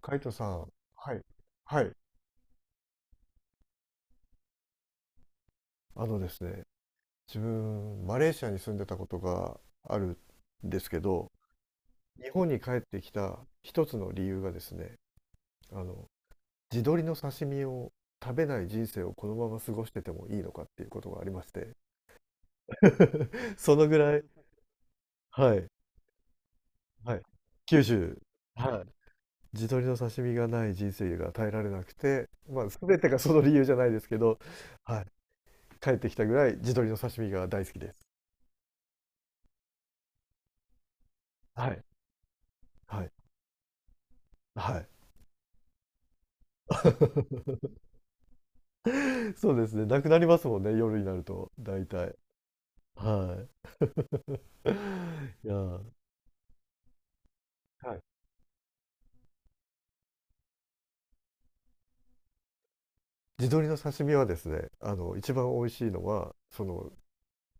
カイトさん、はい、はい、あのですね、自分、マレーシアに住んでたことがあるんですけど、日本に帰ってきた一つの理由がですね、あの、地鶏の刺身を食べない人生をこのまま過ごしててもいいのかっていうことがありまして、そのぐらい、はい、はい、九州、はい。地鶏の刺身がない人生が耐えられなくて、まあ、全てがその理由じゃないですけど、はい、帰ってきたぐらい地鶏の刺身が大好きです。はい、はいはい。そうですね、なくなりますもんね、夜になると、大体。はい。いやー、はい。地鶏の刺身はですね、一番美味しいのは、その、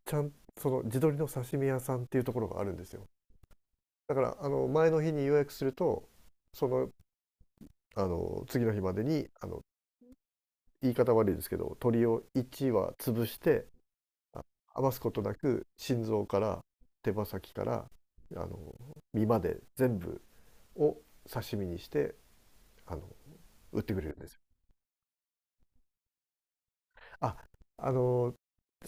ちゃん、その地鶏の刺身屋さんっていうところがあるんですよ。だから、あの、前の日に予約すると、その、次の日までに、言い方悪いですけど、鶏を1羽潰して、あ余すことなく、心臓から手羽先から、あの、身まで全部を刺身にしてあの売ってくれるんですよ。ああの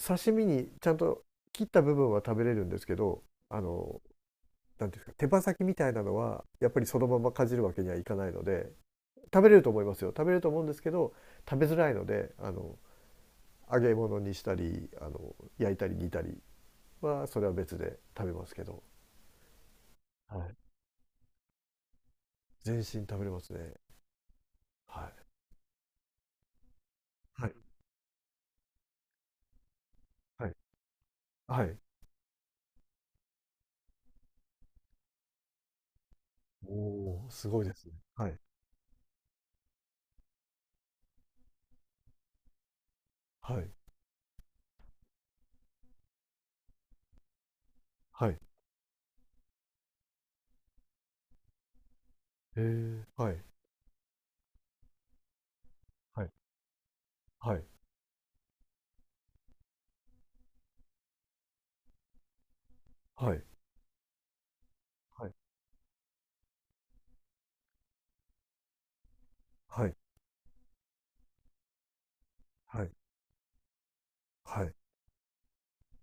刺身にちゃんと切った部分は食べれるんですけど、あのなんていうんですか、手羽先みたいなのはやっぱりそのままかじるわけにはいかないので、食べれると思うんですけど、食べづらいので、揚げ物にしたり、焼いたり煮たりはそれは別で食べますけど、はい、全身食べれますね。はい、はい、はい、はい。おおー、すごいですね。はい、はい、はい。へえ、はい。はい、はい、はい、はい、はい、はい、はい、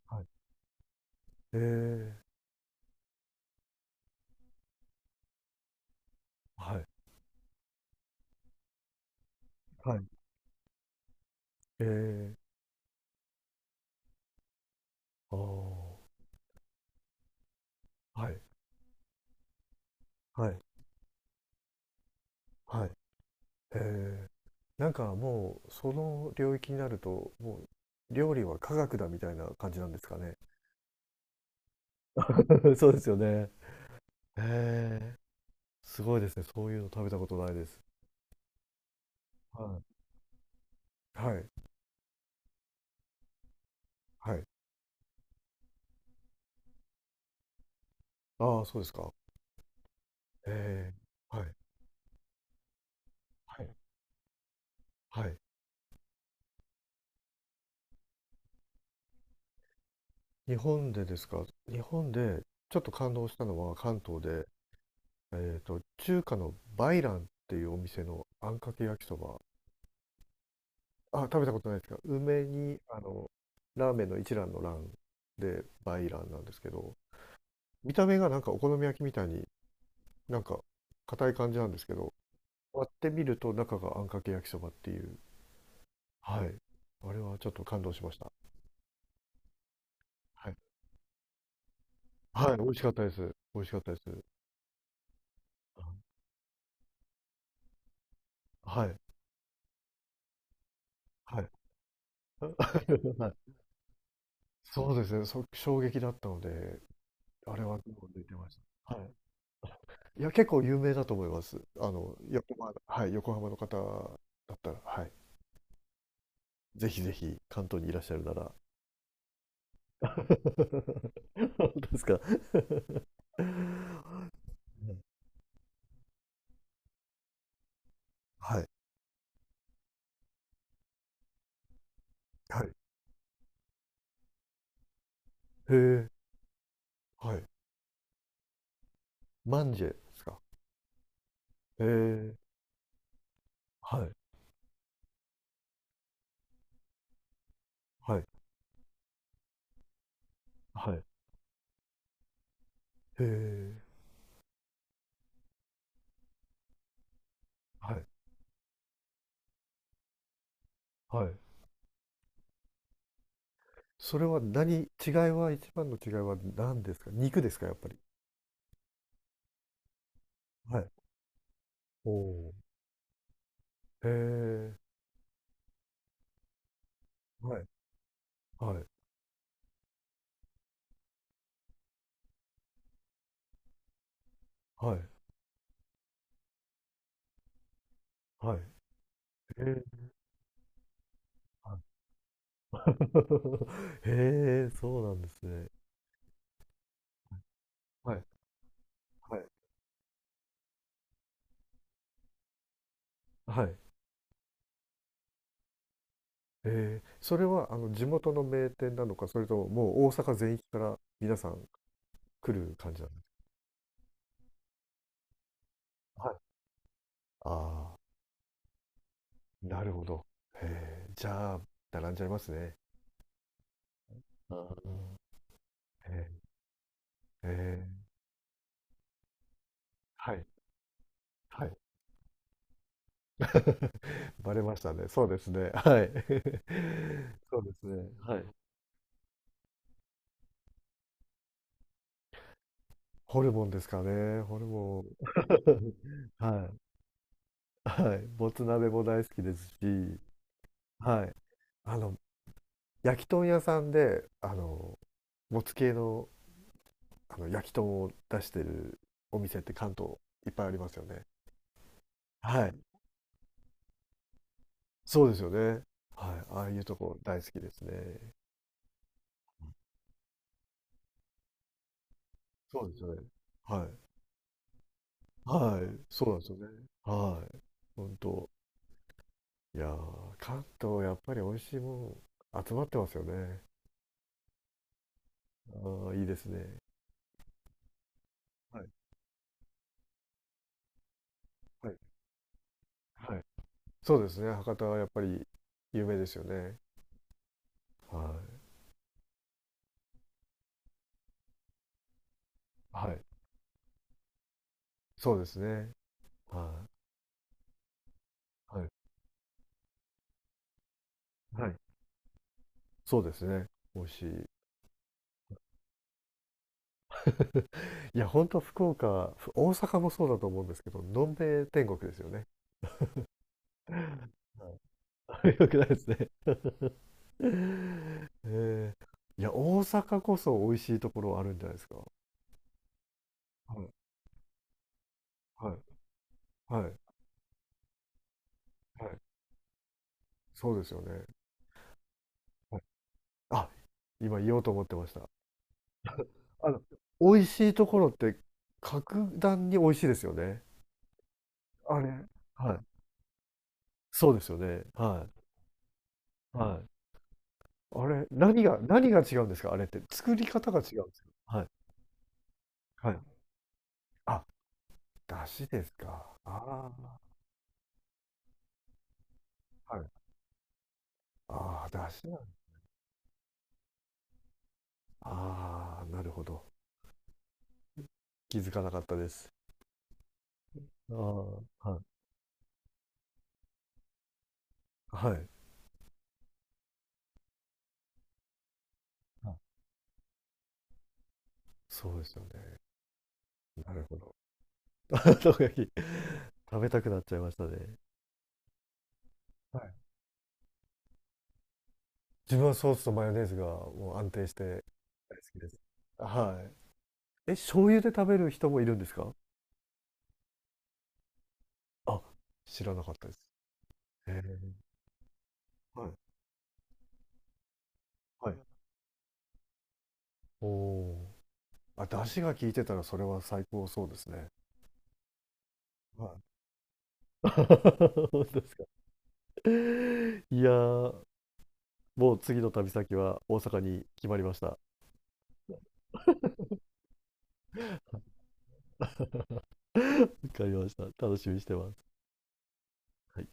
はい、ええ、はい、はい、ええ、ああ、はい、はい、はい、ええ、なんかもう、その領域になると、もう、料理は科学だみたいな感じなんですかね。そうですよね。へえ、すごいですね。そういうの食べたことないです。はい、はい、はい。ああ、そうですか。ええ、はい、はい、はい。日本でですか。日本でちょっと感動したのは関東で、えっと、中華のバイランっていうお店のあんかけ焼きそば。あ、食べたことないですか？梅に、あの、ラーメンの一蘭の蘭でバイランなんですけど、見た目がなんかお好み焼きみたいになんか硬い感じなんですけど、割ってみると中があんかけ焼きそばっていう。はい。あれはちょっと感動しました。はい。はい、美味しかったです。美味しかったです。はい。はい。はい。そうですね。衝撃だったので、あれはもう出てました。はい。いや、結構有名だと思います。あの、横浜、はい、横浜の方だったら、はい。ぜひぜひ、関東にいらっしゃるなら。本当ですか。はい。はい。へえ。はい。マンジェですか。へえ。はい。はい。はい。へえ。はい。はい。それは何、違いは、一番の違いは何ですか？肉ですか、やっぱり。はい。おお。へえ。はい。はい。はい。はい。へえ。はい。へえ、そうなんですね。はい、はい、はい。えー、それはあの地元の名店なのか、それとももう大阪全域から皆さん来る感じなんですか？はい。ああ、なるほど。へえ、じゃあ、並んじゃいますね。うん。えー、えー、はい、はい。バレましたね。そうですね。はい。そうですね。はい。ホルモンですかね。ホルモン。はい。はい、もつ鍋も大好きですし、はい、あの焼き豚屋さんで、あのもつ系の、あの焼き豚を出してるお店って関東いっぱいありますよね。はい、そうですよね。はい、ああいうとこ大好きですね。そうですよね。はい、はい、そうなんですよね。はい、本当。いやー、関東やっぱり美味しいもん集まってますよね。ああ、いいですね。はい、はい、はい。そうですね。博多はやっぱり有名ですよね。はい。はい。そうですね。はい。はい。はい。そうですね。美味しい。いや、ほんと福岡、大阪もそうだと思うんですけど、のんべえ天国ですよね。はい よくないですね。えー、いや、大阪こそ美味しいところあるんじゃないですか。はい。はい。はい。はい。そうですよね。はい。あ、今言おうと思ってました。あの、美味しいところって格段に美味しいですよね。あれ。はい。そうですよね。はい。はい。あれ、何が違うんですかあれって。作り方が違うんですよ、はい。はい。あ、だしですか。ああ、はい。ああ、だしなんだ。ああ、なるほど。気づかなかったです。ああ、はい。はい。あ、そうですよね。なるほど。生焼き、食べたくなっちゃいましたね。はい。自分はソースとマヨネーズがもう安定して大好きです。はい。え、醤油で食べる人もいるんですか？あ、知らなかったです。へえ。はい。はい。おお。あ、出汁が効いてたらそれは最高そうですね。はい。本当ですか。いやー、もう次の旅先は大阪に決まりました。わかりました。楽しみにしてます。はい。